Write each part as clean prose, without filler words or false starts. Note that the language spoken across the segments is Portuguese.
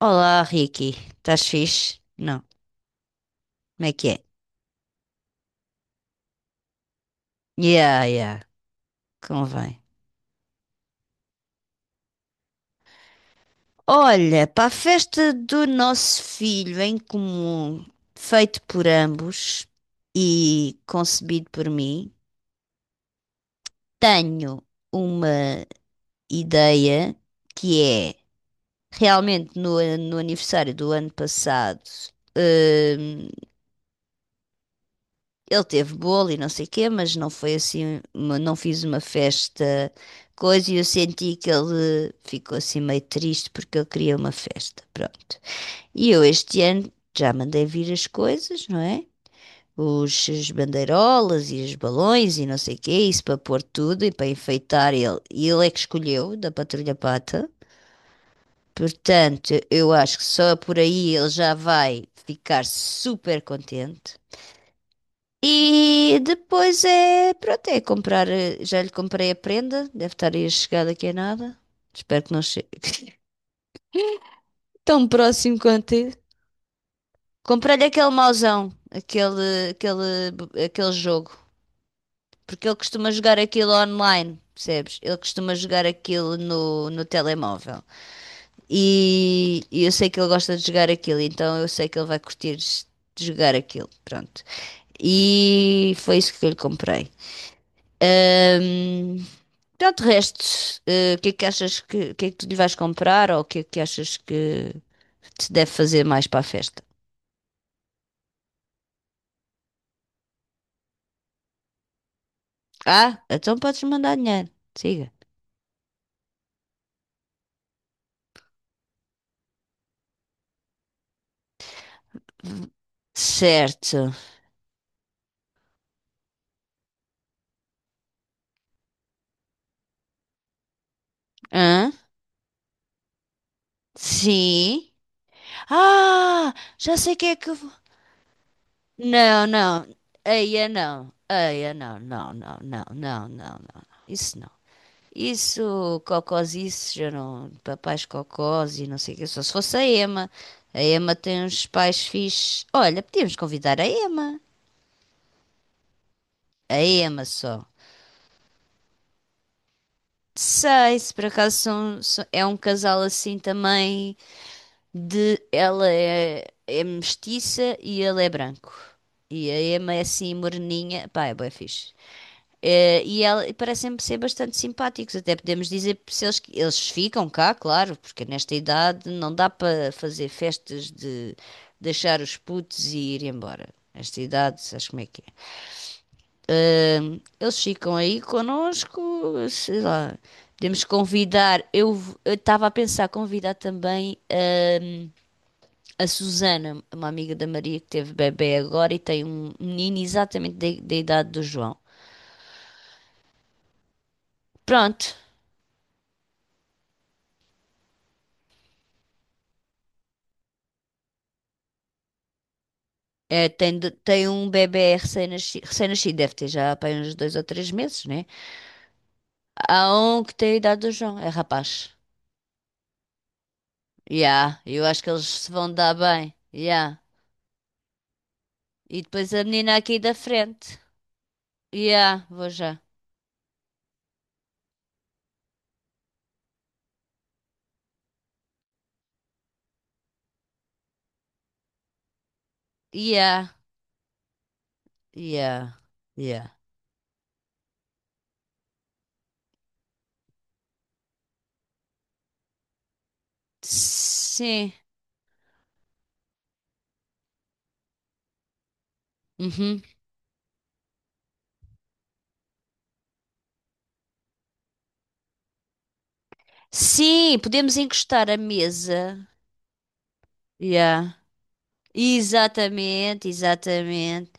Olá, Ricky. Estás fixe? Não. Como é que é? Yeah, yeah. Convém. Olha, para a festa do nosso filho em comum, feito por ambos e concebido por mim, tenho uma ideia que é realmente no aniversário do ano passado. hum, Ele teve bolo e não sei o quê, mas não foi assim, não fiz uma festa coisa e eu senti que ele ficou assim meio triste porque ele queria uma festa, pronto. E eu este ano já mandei vir as coisas, não é? As bandeirolas e os balões e não sei o quê, isso para pôr tudo e para enfeitar ele. E ele é que escolheu, da Patrulha Pata. Portanto, eu acho que só por aí ele já vai ficar super contente. E depois é, pronto, é comprar, já lhe comprei a prenda, deve estar aí a chegar daqui a nada. Espero que não chegue tão próximo quanto é. Comprei-lhe aquele mauzão, aquele jogo, porque ele costuma jogar aquilo online, percebes? Ele costuma jogar aquilo no telemóvel. E eu sei que ele gosta de jogar aquilo, então eu sei que ele vai curtir de jogar aquilo, pronto. E foi isso que eu lhe comprei. Ahm, pronto, de resto, o que é que achas o que é que tu lhe vais comprar ou o que é que achas que se deve fazer mais para a festa? Ah, então podes mandar dinheiro. Siga. Certo. Hã? Sim. Ah, já sei quem é que eu vou. Não, não. Eia, não. Eia, não, não, não, não, não, não, não. Isso não. Isso, cocosices, já não, papais cocós e não sei o quê, só se fosse a Ema. A Ema tem uns pais fixes. Olha, podíamos convidar a Ema. A Ema só. Sei, se por acaso é um casal assim também de... Ela é mestiça e ele é branco. E a Emma é assim moreninha. Pá, é bué fixe. E parecem-me ser bastante simpáticos. Até podemos dizer se eles ficam cá, claro, porque nesta idade não dá para fazer festas de deixar os putos e ir embora. Nesta idade, sabes como é que é? Eles ficam aí connosco, sei lá. Podemos convidar. Eu estava a pensar convidar também a Susana, uma amiga da Maria que teve bebê agora e tem um menino exatamente da idade do João. Pronto, é, tem, tem um bebê recém-nascido, deve ter já pá, uns dois ou três meses, né? Há um que tem a idade do João, é rapaz. Yeah, eu acho que eles se vão dar bem. Yeah. E depois a menina aqui da frente. Yeah, vou já. Yeah, yeah, yeah. Sim. Uhum. Sim, podemos encostar a mesa. Yeah. Exatamente, exatamente.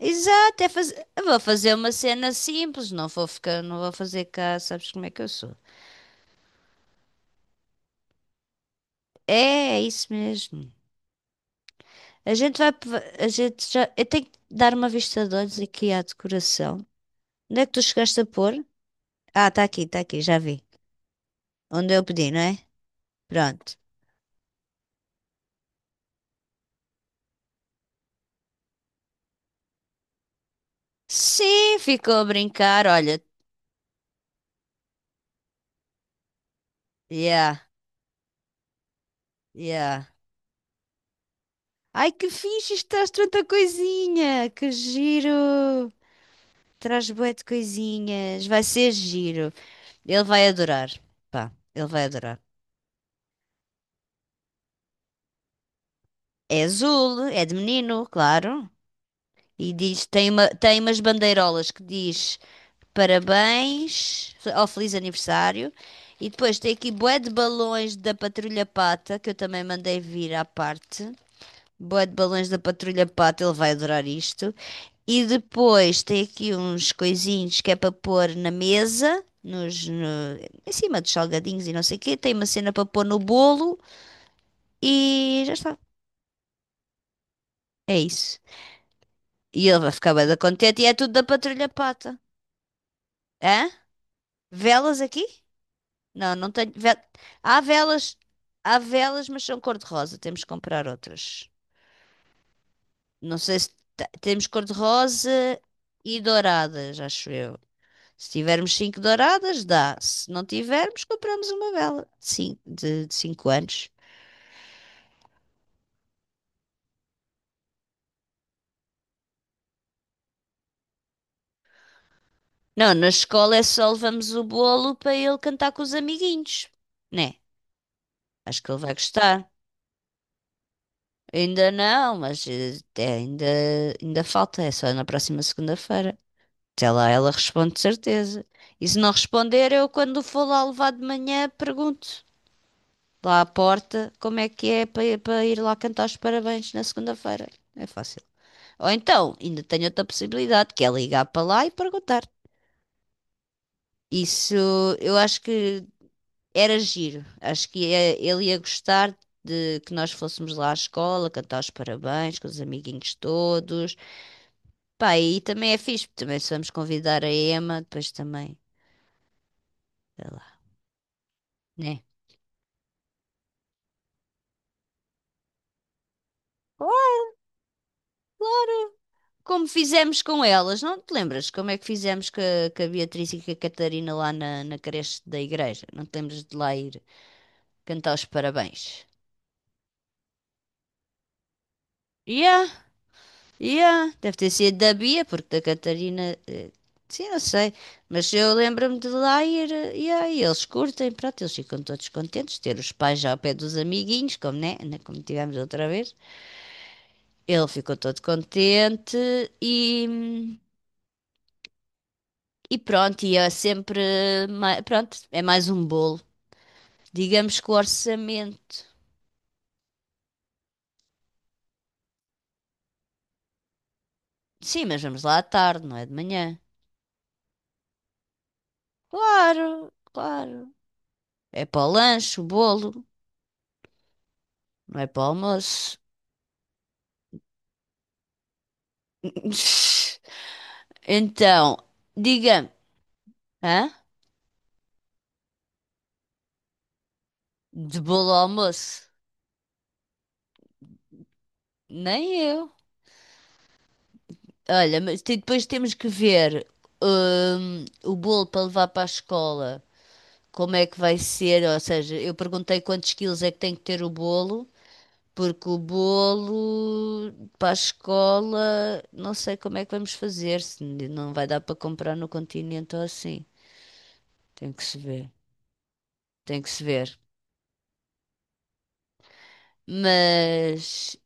Exato, é faz... eu vou fazer uma cena simples, não vou ficar, não vou fazer cá, sabes como é que eu sou. É, é isso mesmo. A gente vai, a gente já, eu tenho que dar uma vista de olhos aqui à decoração. Onde é que tu chegaste a pôr? Ah, está aqui, já vi. Onde eu pedi, não é? Pronto. Sim, ficou a brincar, olha. Yeah, yeah. Ai, que fixe, isto traz tanta coisinha, que giro. Traz bué de coisinhas, vai ser giro. Ele vai adorar. Pá, ele vai adorar. É azul, é de menino, claro. E diz, tem umas bandeirolas que diz parabéns ou feliz aniversário. E depois tem aqui bué de balões da Patrulha Pata, que eu também mandei vir à parte. Bué de balões da Patrulha Pata, ele vai adorar isto. E depois tem aqui uns coisinhos que é para pôr na mesa, nos, no- em cima dos salgadinhos e não sei o quê. Tem uma cena para pôr no bolo e já está. É isso. E ele vai ficar bem da contente e é tudo da Patrulha Pata. Hã? Velas aqui? Não, não tenho. Há velas, há velas, mas são cor-de-rosa. Temos que comprar outras. Não sei se temos cor-de-rosa e douradas, acho eu. Se tivermos 5 douradas, dá. Se não tivermos, compramos uma vela de cinco, de 5 anos. Não, na escola é só levamos o bolo para ele cantar com os amiguinhos, né? Acho que ele vai gostar. Ainda não, mas ainda falta, é só na próxima segunda-feira. Até lá ela responde de certeza. E se não responder, eu quando for lá levar de manhã pergunto lá à porta como é que é para ir lá cantar os parabéns na segunda-feira. É fácil. Ou então, ainda tenho outra possibilidade, que é ligar para lá e perguntar. Isso eu acho que era giro. Acho que ele ia gostar de que nós fôssemos lá à escola, cantar os parabéns com os amiguinhos todos. Pá, e também é fixe, porque também se vamos convidar a Emma, depois também, sei lá, né? Claro, claro. Como fizemos com elas, não te lembras como é que fizemos com a Beatriz e com a Catarina na creche da igreja? Não te lembras de lá ir cantar os parabéns? Yeah, yeah. Deve ter sido da Bia, porque da Catarina, sim, não sei. Mas eu lembro-me de lá ir, yeah, e eles curtem, pronto, eles ficam todos contentes, ter os pais já ao pé dos amiguinhos, como, né? Como tivemos outra vez. Ele ficou todo contente e, e pronto, e é sempre, pronto, é mais um bolo. Digamos que o orçamento. Sim, mas vamos lá à tarde, não é de manhã. Claro, claro. É para o lanche, o bolo, não é para o almoço. Então, diga-me, hã? De bolo ao almoço? Nem eu. Olha, mas depois temos que ver o bolo para levar para a escola. Como é que vai ser, ou seja, eu perguntei quantos quilos é que tem que ter o bolo, porque o bolo para a escola, não sei como é que vamos fazer, se não vai dar para comprar no continente ou assim. Tem que se ver, tem que se ver. Mas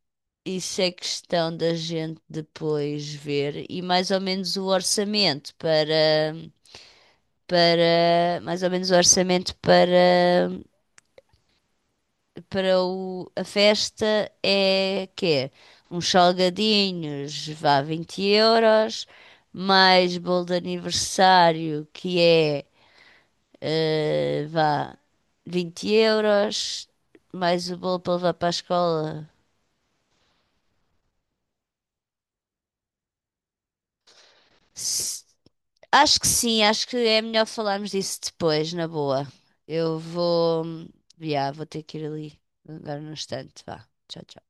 isso é questão da gente depois ver e mais ou menos o orçamento para a festa é quê? Uns salgadinhos, vá 20 euros, mais bolo de aniversário, que é, vá 20 euros, mais o bolo para levar para a escola. S- Acho que sim, acho que é melhor falarmos disso depois, na boa. Eu vou, já, vou ter que ir ali, agora no instante, vá. Tchau, tchau.